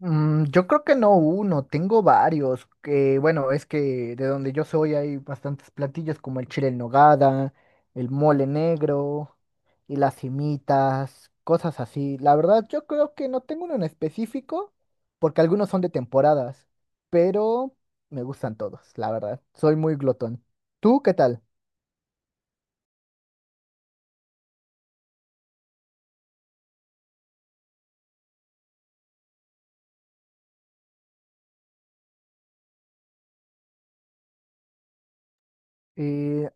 Yo creo que no uno, tengo varios, que bueno, es que de donde yo soy hay bastantes platillos como el chile en nogada, el mole negro y las simitas, cosas así. La verdad, yo creo que no tengo uno en específico, porque algunos son de temporadas, pero me gustan todos, la verdad. Soy muy glotón. ¿Tú qué tal? Eh,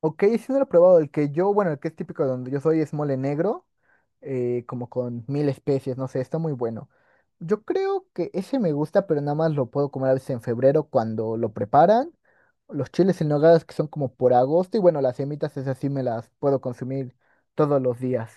ok, sí no lo he probado. El que yo, bueno, el que es típico de donde yo soy es mole negro. Como con mil especies, no sé, está muy bueno. Yo creo que ese me gusta, pero nada más lo puedo comer a veces en febrero cuando lo preparan. Los chiles en nogada que son como por agosto y bueno, las semitas esas sí me las puedo consumir todos los días.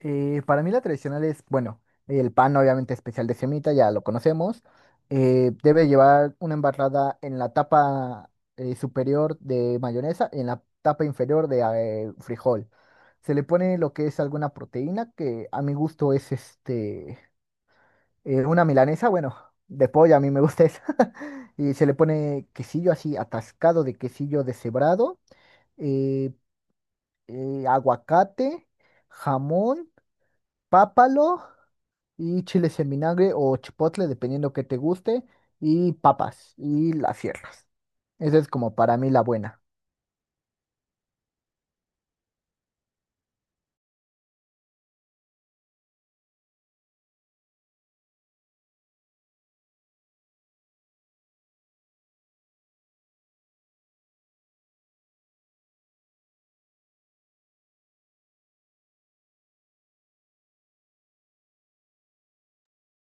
Para mí la tradicional es, bueno, el pan obviamente especial de semita, ya lo conocemos. Debe llevar una embarrada en la tapa superior de mayonesa y en la tapa inferior de frijol. Se le pone lo que es alguna proteína, que a mi gusto es este, una milanesa, bueno, de pollo, a mí me gusta esa. Y se le pone quesillo así, atascado de quesillo deshebrado, eh, aguacate, jamón, pápalo y chiles en vinagre o chipotle, dependiendo que te guste, y papas y las cierras. Esa es como para mí la buena.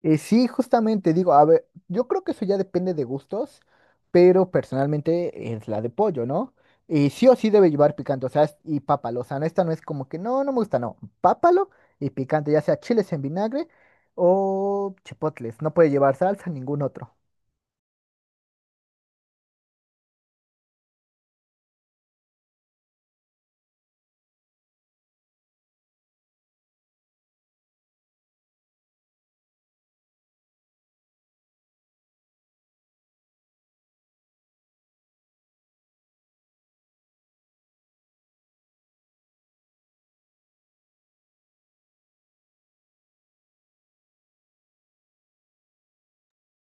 Sí, justamente digo, a ver, yo creo que eso ya depende de gustos, pero personalmente es la de pollo, ¿no? Y sí o sí debe llevar picante, o sea, es- y pápalo, o sea, no, esta no es como que no, no me gusta, no, pápalo y picante, ya sea chiles en vinagre o chipotles, no puede llevar salsa, ningún otro.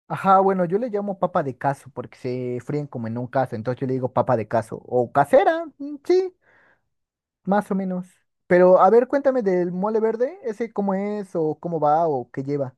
Ajá, bueno, yo le llamo papa de caso porque se fríen como en un caso, entonces yo le digo papa de caso o casera, sí, más o menos. Pero a ver, cuéntame del mole verde, ese cómo es o cómo va o qué lleva.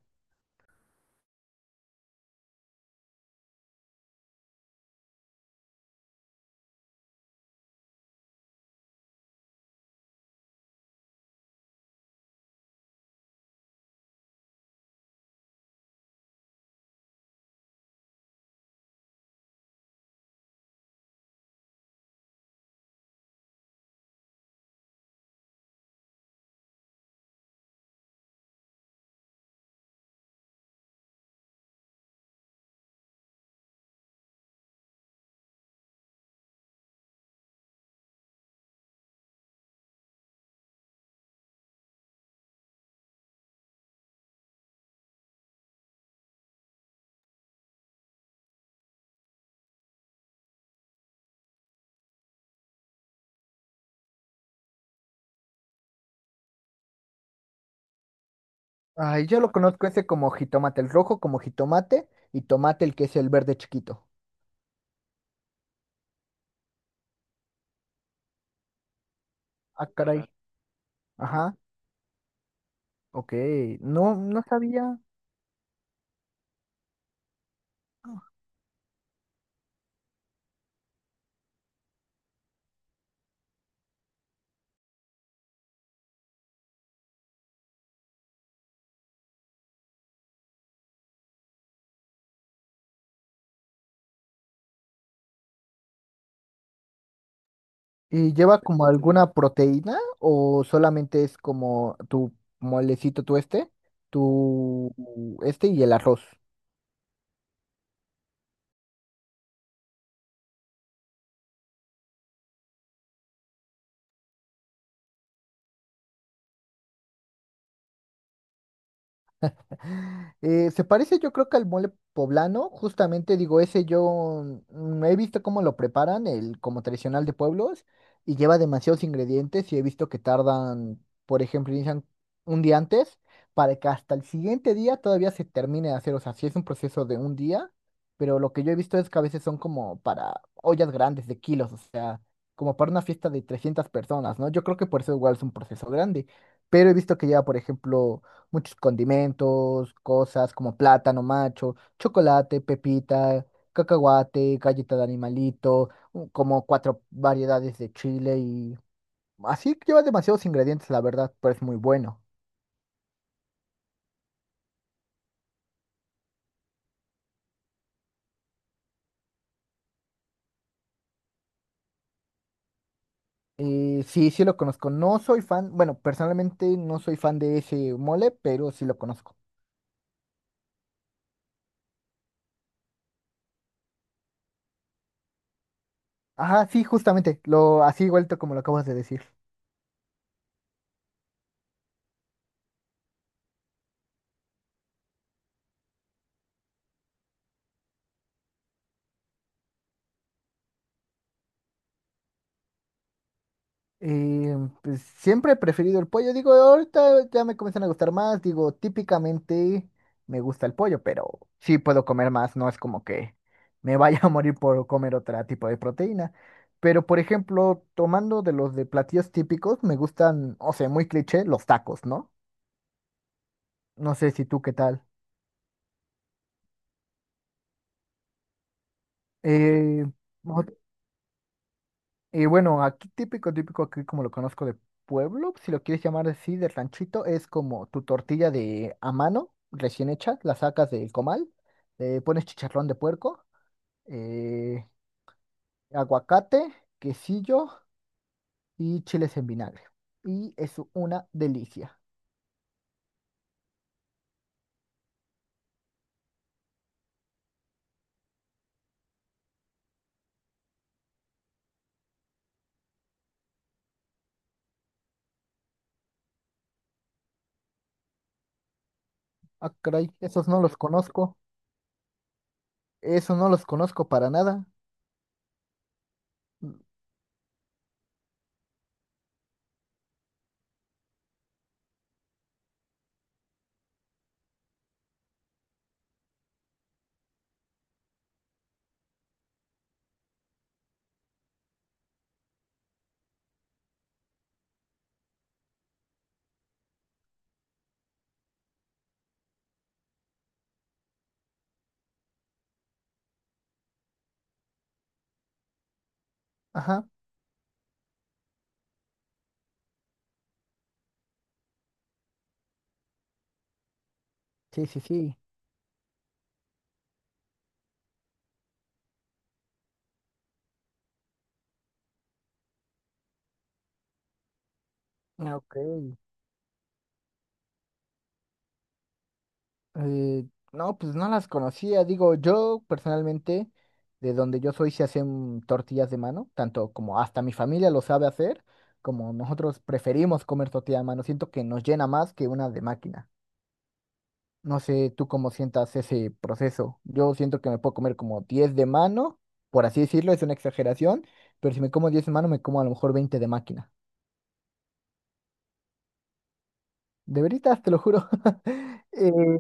Ay, yo lo conozco ese como jitomate, el rojo como jitomate y tomate el que es el verde chiquito. Ah, caray. Ajá, ok, no, no sabía. ¿Y lleva como alguna proteína o solamente es como tu molecito, tu este, tu y el arroz? Se parece yo creo que al mole poblano, justamente digo, ese yo he visto cómo lo preparan, el como tradicional de pueblos, y lleva demasiados ingredientes y he visto que tardan, por ejemplo, inician un día antes para que hasta el siguiente día todavía se termine de hacer, o sea, sí es un proceso de un día, pero lo que yo he visto es que a veces son como para ollas grandes de kilos, o sea, como para una fiesta de 300 personas, ¿no? Yo creo que por eso igual es un proceso grande, pero he visto que lleva, por ejemplo, muchos condimentos, cosas como plátano macho, chocolate, pepita, cacahuate, galleta de animalito, como cuatro variedades de chile y así lleva demasiados ingredientes, la verdad, pero es muy bueno. Y sí, sí lo conozco. No soy fan, bueno, personalmente no soy fan de ese mole, pero sí lo conozco. Ajá, sí, justamente, lo así vuelto como lo acabas de decir. Eh, pues siempre he preferido el pollo. Digo, ahorita ya me comienzan a gustar más. Digo, típicamente me gusta el pollo, pero sí puedo comer más. No es como que me vaya a morir por comer otro tipo de proteína. Pero, por ejemplo, tomando de los de platillos típicos, me gustan, o sea, muy cliché, los tacos, ¿no? No sé si tú qué tal. Eh, Y bueno, aquí típico, típico, aquí como lo conozco de pueblo, si lo quieres llamar así, de ranchito, es como tu tortilla de a mano, recién hecha, la sacas del comal, le pones chicharrón de puerco, eh, aguacate, quesillo y chiles en vinagre. Y es una delicia. Ah, caray, esos no los conozco, esos no los conozco para nada. Mm, ajá, sí, sí, sí. Ah, ok. Eh, no, pues no las conocía. Digo, yo personalmente, de donde yo soy, se hacen tortillas de mano, tanto como hasta mi familia lo sabe hacer, como nosotros preferimos comer tortilla de mano. Siento que nos llena más que una de máquina. No sé tú cómo sientas ese proceso. Yo siento que me puedo comer como 10 de mano, por así decirlo, es una exageración, pero si me como 10 de mano, me como a lo mejor 20 de máquina. De veritas, te lo juro. Eh,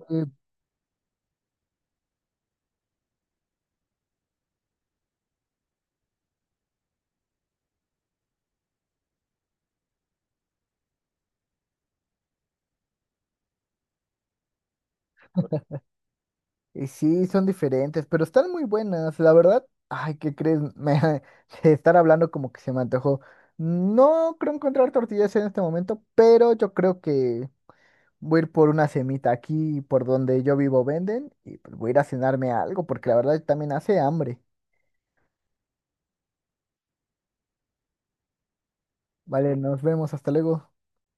Y sí, son diferentes, pero están muy buenas. La verdad, ay, ¿qué crees? De estar hablando como que se me antojó. No creo encontrar tortillas en este momento, pero yo creo que voy a ir por una semita aquí, por donde yo vivo venden, y pues voy a ir a cenarme algo, porque la verdad también hace hambre. Vale, nos vemos, hasta luego.